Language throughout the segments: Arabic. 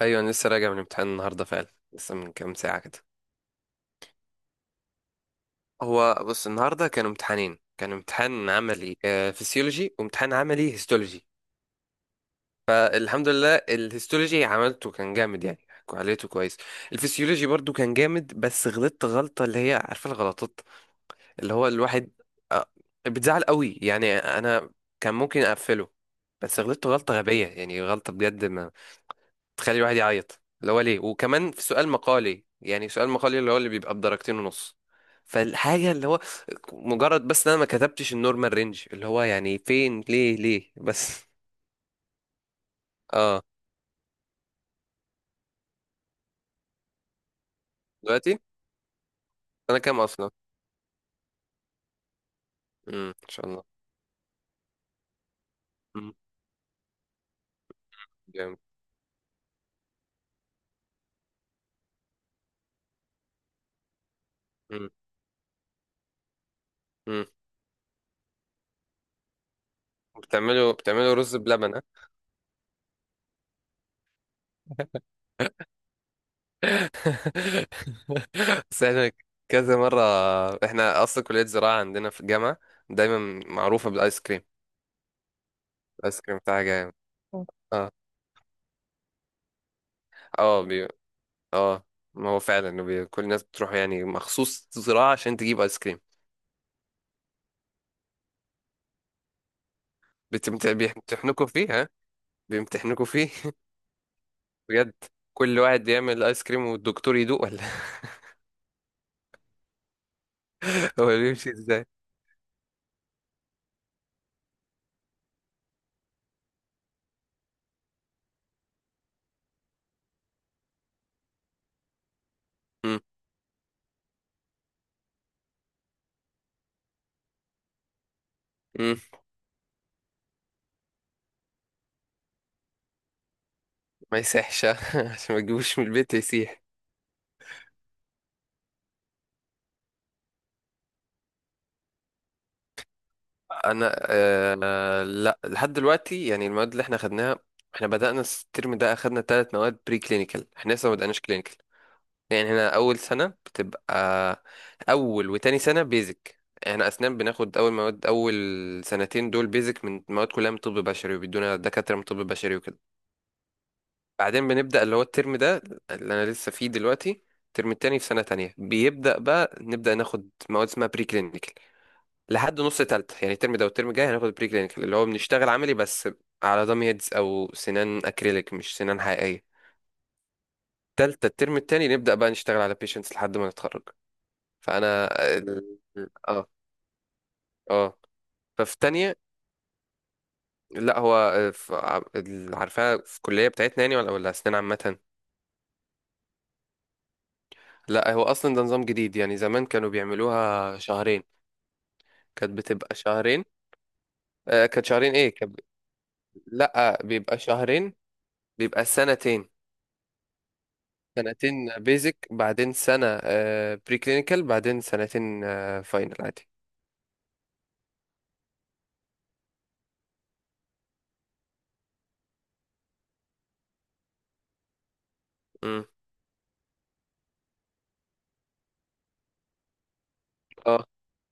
ايوه انا لسه راجع من امتحان النهارده فعلا. لسه من كام ساعه كده. هو بص، النهارده كانوا امتحانين، كان امتحان عملي فسيولوجي وامتحان عملي هيستولوجي. الحمد لله الهيستولوجي عملته، كان جامد يعني، عملته كويس. الفسيولوجي برضو كان جامد، بس غلطت غلطه اللي هي عارفه الغلطات، اللي هو الواحد. آه، بتزعل قوي يعني، انا كان ممكن اقفله، بس غلطت غلطه غبيه يعني، غلطه بجد تخلي الواحد يعيط، اللي هو ليه، وكمان في سؤال مقالي، يعني سؤال مقالي اللي هو اللي بيبقى بدرجتين ونص. فالحاجة اللي هو مجرد بس ان انا ما كتبتش النورمال رينج اللي هو يعني فين، ليه بس. اه. دلوقتي انا كام اصلا؟ امم، ان شاء الله. امم، جامد. امم. امم. بتعملوا رز بلبن ها؟ بس احنا كذا مرة، احنا اصلا كلية زراعة عندنا في الجامعة دايما معروفة بالايس كريم. الايس كريم بتاعها جامد. اه. اه. اه. ما هو فعلا كل الناس بتروح يعني مخصوص زراعة عشان تجيب ايس كريم. بيمتحنوكوا فيه ها؟ بيمتحنوكوا فيه. بجد كل واحد يعمل ايس كريم والدكتور يدوق ولا؟ هو بيمشي ازاي؟ مم. مم. ما يسيحش. ها؟ عشان ما تجيبوش من البيت يسيح. انا آه، لا لحد دلوقتي يعني المواد اللي احنا خدناها، احنا بدأنا الترم ده اخدنا ثلاث مواد بري كلينيكال، احنا لسه ما بدأناش كلينيكال. يعني هنا اول سنه بتبقى اول وتاني سنه بيزك، احنا اسنان بناخد اول مواد، اول سنتين دول بيزك من مواد كلها من طب بشري، وبيدونا دكاتره من طب بشري وكده. بعدين بنبدا اللي هو الترم ده اللي انا لسه فيه دلوقتي، الترم التاني في سنه تانية بيبدا بقى نبدا ناخد مواد اسمها بري كلينيكال لحد نص تالتة. يعني الترم ده والترم الجاي هناخد بري كلينيكال اللي هو بنشتغل عملي بس على دام هيدز او سنان اكريليك، مش سنان حقيقيه. تالتة الترم التاني نبدا بقى نشتغل على بيشنتس لحد ما نتخرج. فانا ال- اه. اه. ففي تانية لا هو عارفاها في الكلية بتاعتنا يعني، ولا أسنان عامة؟ لا هو أصلا ده نظام جديد، يعني زمان كانوا بيعملوها شهرين، كانت بتبقى شهرين. آه كانت شهرين، إيه لا بيبقى شهرين، بيبقى سنتين. سنتين بيزك، بعدين سنة بري كلينيكال، بعدين سنتين فاينل عادي. امم. اه.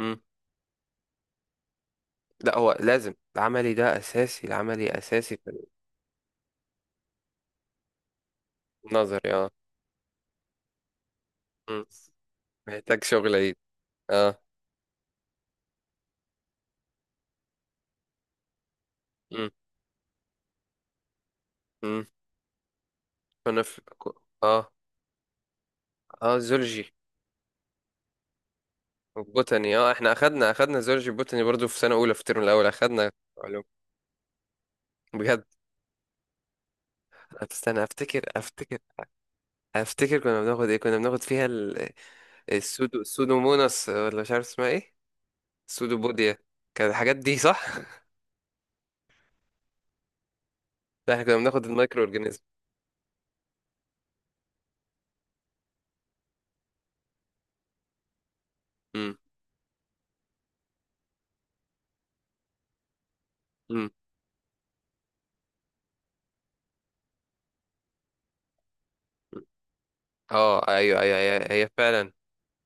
امم. لا هو لازم العملي ده أساسي، العملي أساسي في النظري اه. مم. محتاج شغل عيد. اه. امم. امم. انا اه. اه، زولجي وبوتاني اه، احنا اخدنا زولجي بوتاني برضو في سنة اولى في الترم الاول اخدنا علوم. بجد. استنى افتكر، افتكر كنا بناخد ايه، كنا بناخد فيها السودو، السودوموناس ولا مش عارف اسمها ايه، السودوبوديا، كانت الحاجات دي صح. لا احنا كنا بناخد المايكرو اورجانيزم. امم. امم. اه ايوه ايوه، هي فعلا،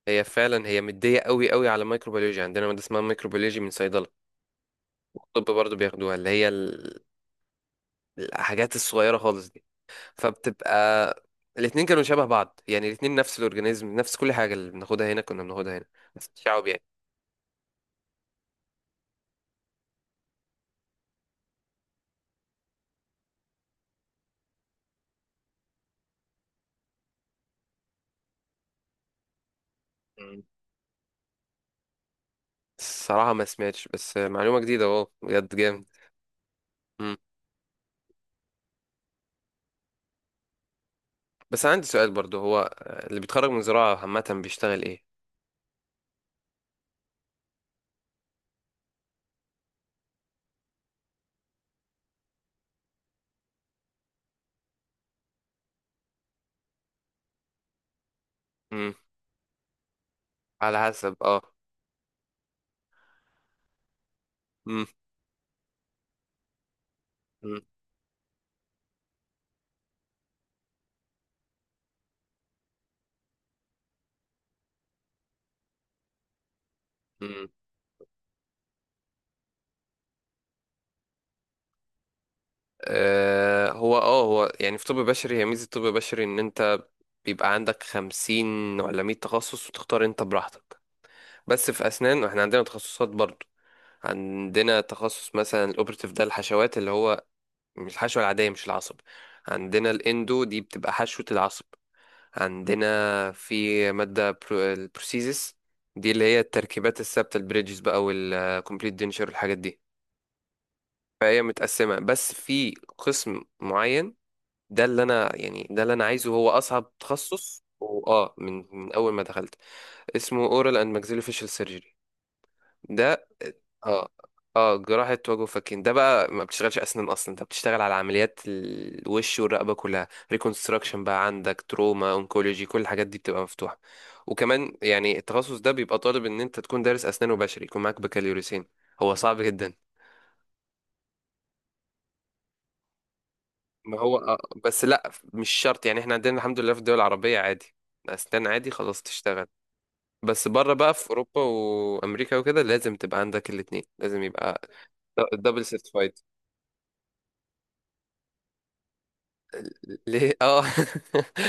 هي فعلا هي مديه قوي قوي، على مايكروبيولوجي عندنا ماده اسمها مايكروبيولوجي من صيدله، الطب برضه بياخدوها، اللي هي الحاجات الصغيرة خالص دي. فبتبقى الاتنين كانوا شبه بعض، يعني الاتنين نفس الأورجانيزم نفس كل حاجة، اللي بناخدها هنا كنا بناخدها هنا، بس الشعب يعني. مم. الصراحة ما سمعتش، بس معلومة جديدة اهو، بجد جامد. مم. بس عندي سؤال برضه، هو اللي بيتخرج من زراعة عامة بيشتغل ايه؟ مم. على حسب اه. مم. مم. مم. آه هو اه، هو يعني في طب بشري، هي ميزة طب بشري ان انت بيبقى عندك خمسين ولا مية تخصص وتختار انت براحتك. بس في اسنان احنا عندنا تخصصات برضو. عندنا تخصص مثلا الاوبرتيف، ده الحشوات اللي هو مش الحشوه العاديه، مش العصب. عندنا الاندو، دي بتبقى حشوه العصب. عندنا في ماده البروسيزس، دي اللي هي التركيبات الثابته، البريدجز بقى والكومبليت دينشر والحاجات دي. فهي متقسمه، بس في قسم معين ده اللي انا يعني، ده اللي انا عايزه، هو اصعب تخصص، واه من من اول ما دخلت اسمه اورال اند maxillofacial سيرجري. ده اه، اه جراحة وجه وفكين. ده بقى ما بتشتغلش أسنان أصلا، أنت بتشتغل على عمليات الوش والرقبة كلها، ريكونستراكشن بقى، عندك تروما، أونكولوجي، كل الحاجات دي بتبقى مفتوحة. وكمان يعني التخصص ده بيبقى طالب إن أنت تكون دارس أسنان وبشري، يكون معاك بكالوريوسين. هو صعب جدا. ما هو آه. بس لأ مش شرط يعني، إحنا عندنا الحمد لله في الدول العربية عادي، أسنان عادي خلاص تشتغل. بس بره بقى في أوروبا وأمريكا وكده لازم تبقى عندك الاتنين، لازم يبقى دبل سيرتيفايد. ليه اه.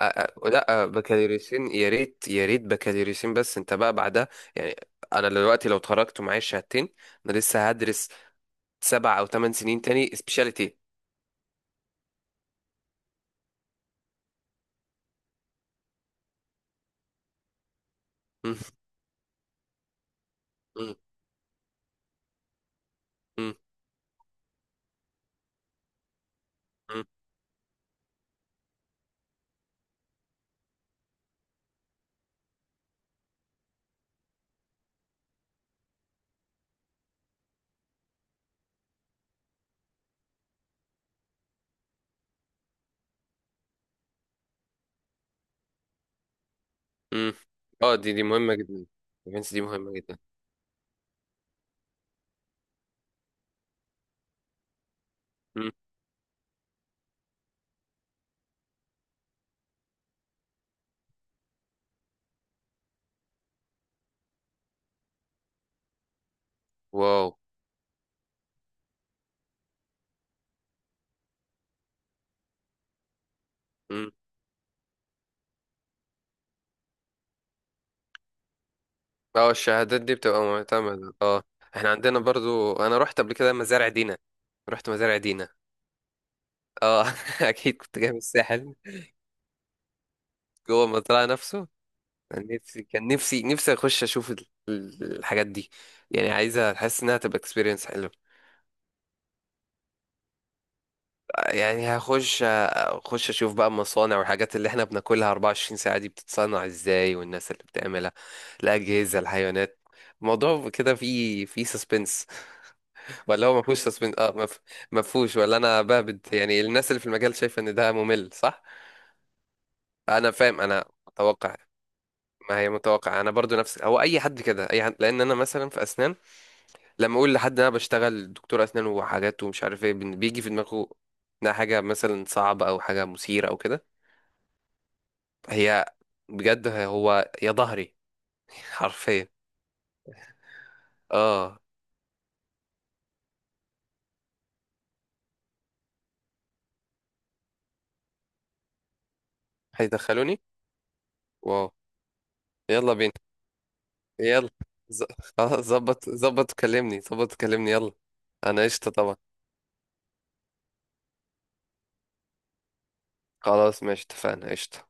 آه، آه، لا آه، بكالوريوسين يا ريت بكالوريوسين، بس انت بقى بعدها يعني، انا دلوقتي لو اتخرجت ومعايا الشهادتين، انا لسه هدرس سبع او ثمان سنين تاني سبيشاليتي. مم، مم، مم، مم، مم. اه دي مهمة جدا. البنس دي مهمة جدا. مم. واو. مم. اه الشهادات دي بتبقى معتمدة اه. احنا عندنا برضو، انا رحت قبل كده مزارع دينا، رحت مزارع دينا. اه اكيد، كنت جاي من الساحل. جوه المزرعة نفسه. أنا نفسي، كان نفسي نفسي اخش اشوف الحاجات دي، يعني عايزه احس انها تبقى اكسبيرينس حلوه. يعني هخش، اخش اشوف بقى المصانع والحاجات اللي احنا بناكلها 24 ساعه دي بتتصنع ازاي، والناس اللي بتعملها، الاجهزه، الحيوانات. الموضوع كده فيه، فيه سسبنس، ولا هو ما فيهوش سسبنس؟ اه، ما فيهوش ولا انا بهبد، يعني الناس اللي في المجال شايفه ان ده ممل صح؟ انا فاهم، انا متوقع، ما هي متوقع انا برضو، نفس هو اي حد كده اي حد، لان انا مثلا في اسنان لما اقول لحد إن انا بشتغل دكتور اسنان وحاجات ومش عارف ايه، بيجي في دماغه انها حاجه مثلا صعبه او حاجه مثيره او كده. هي بجد هو يا ظهري. حرفيا. اه. هيدخلوني؟ واو. يلا بينا، يلا، ز- خلاص ظبط، ظبط كلمني، ظبط كلمني يلا. انا قشطه طبعا. خلاص ماشي، اتفقنا قشطه.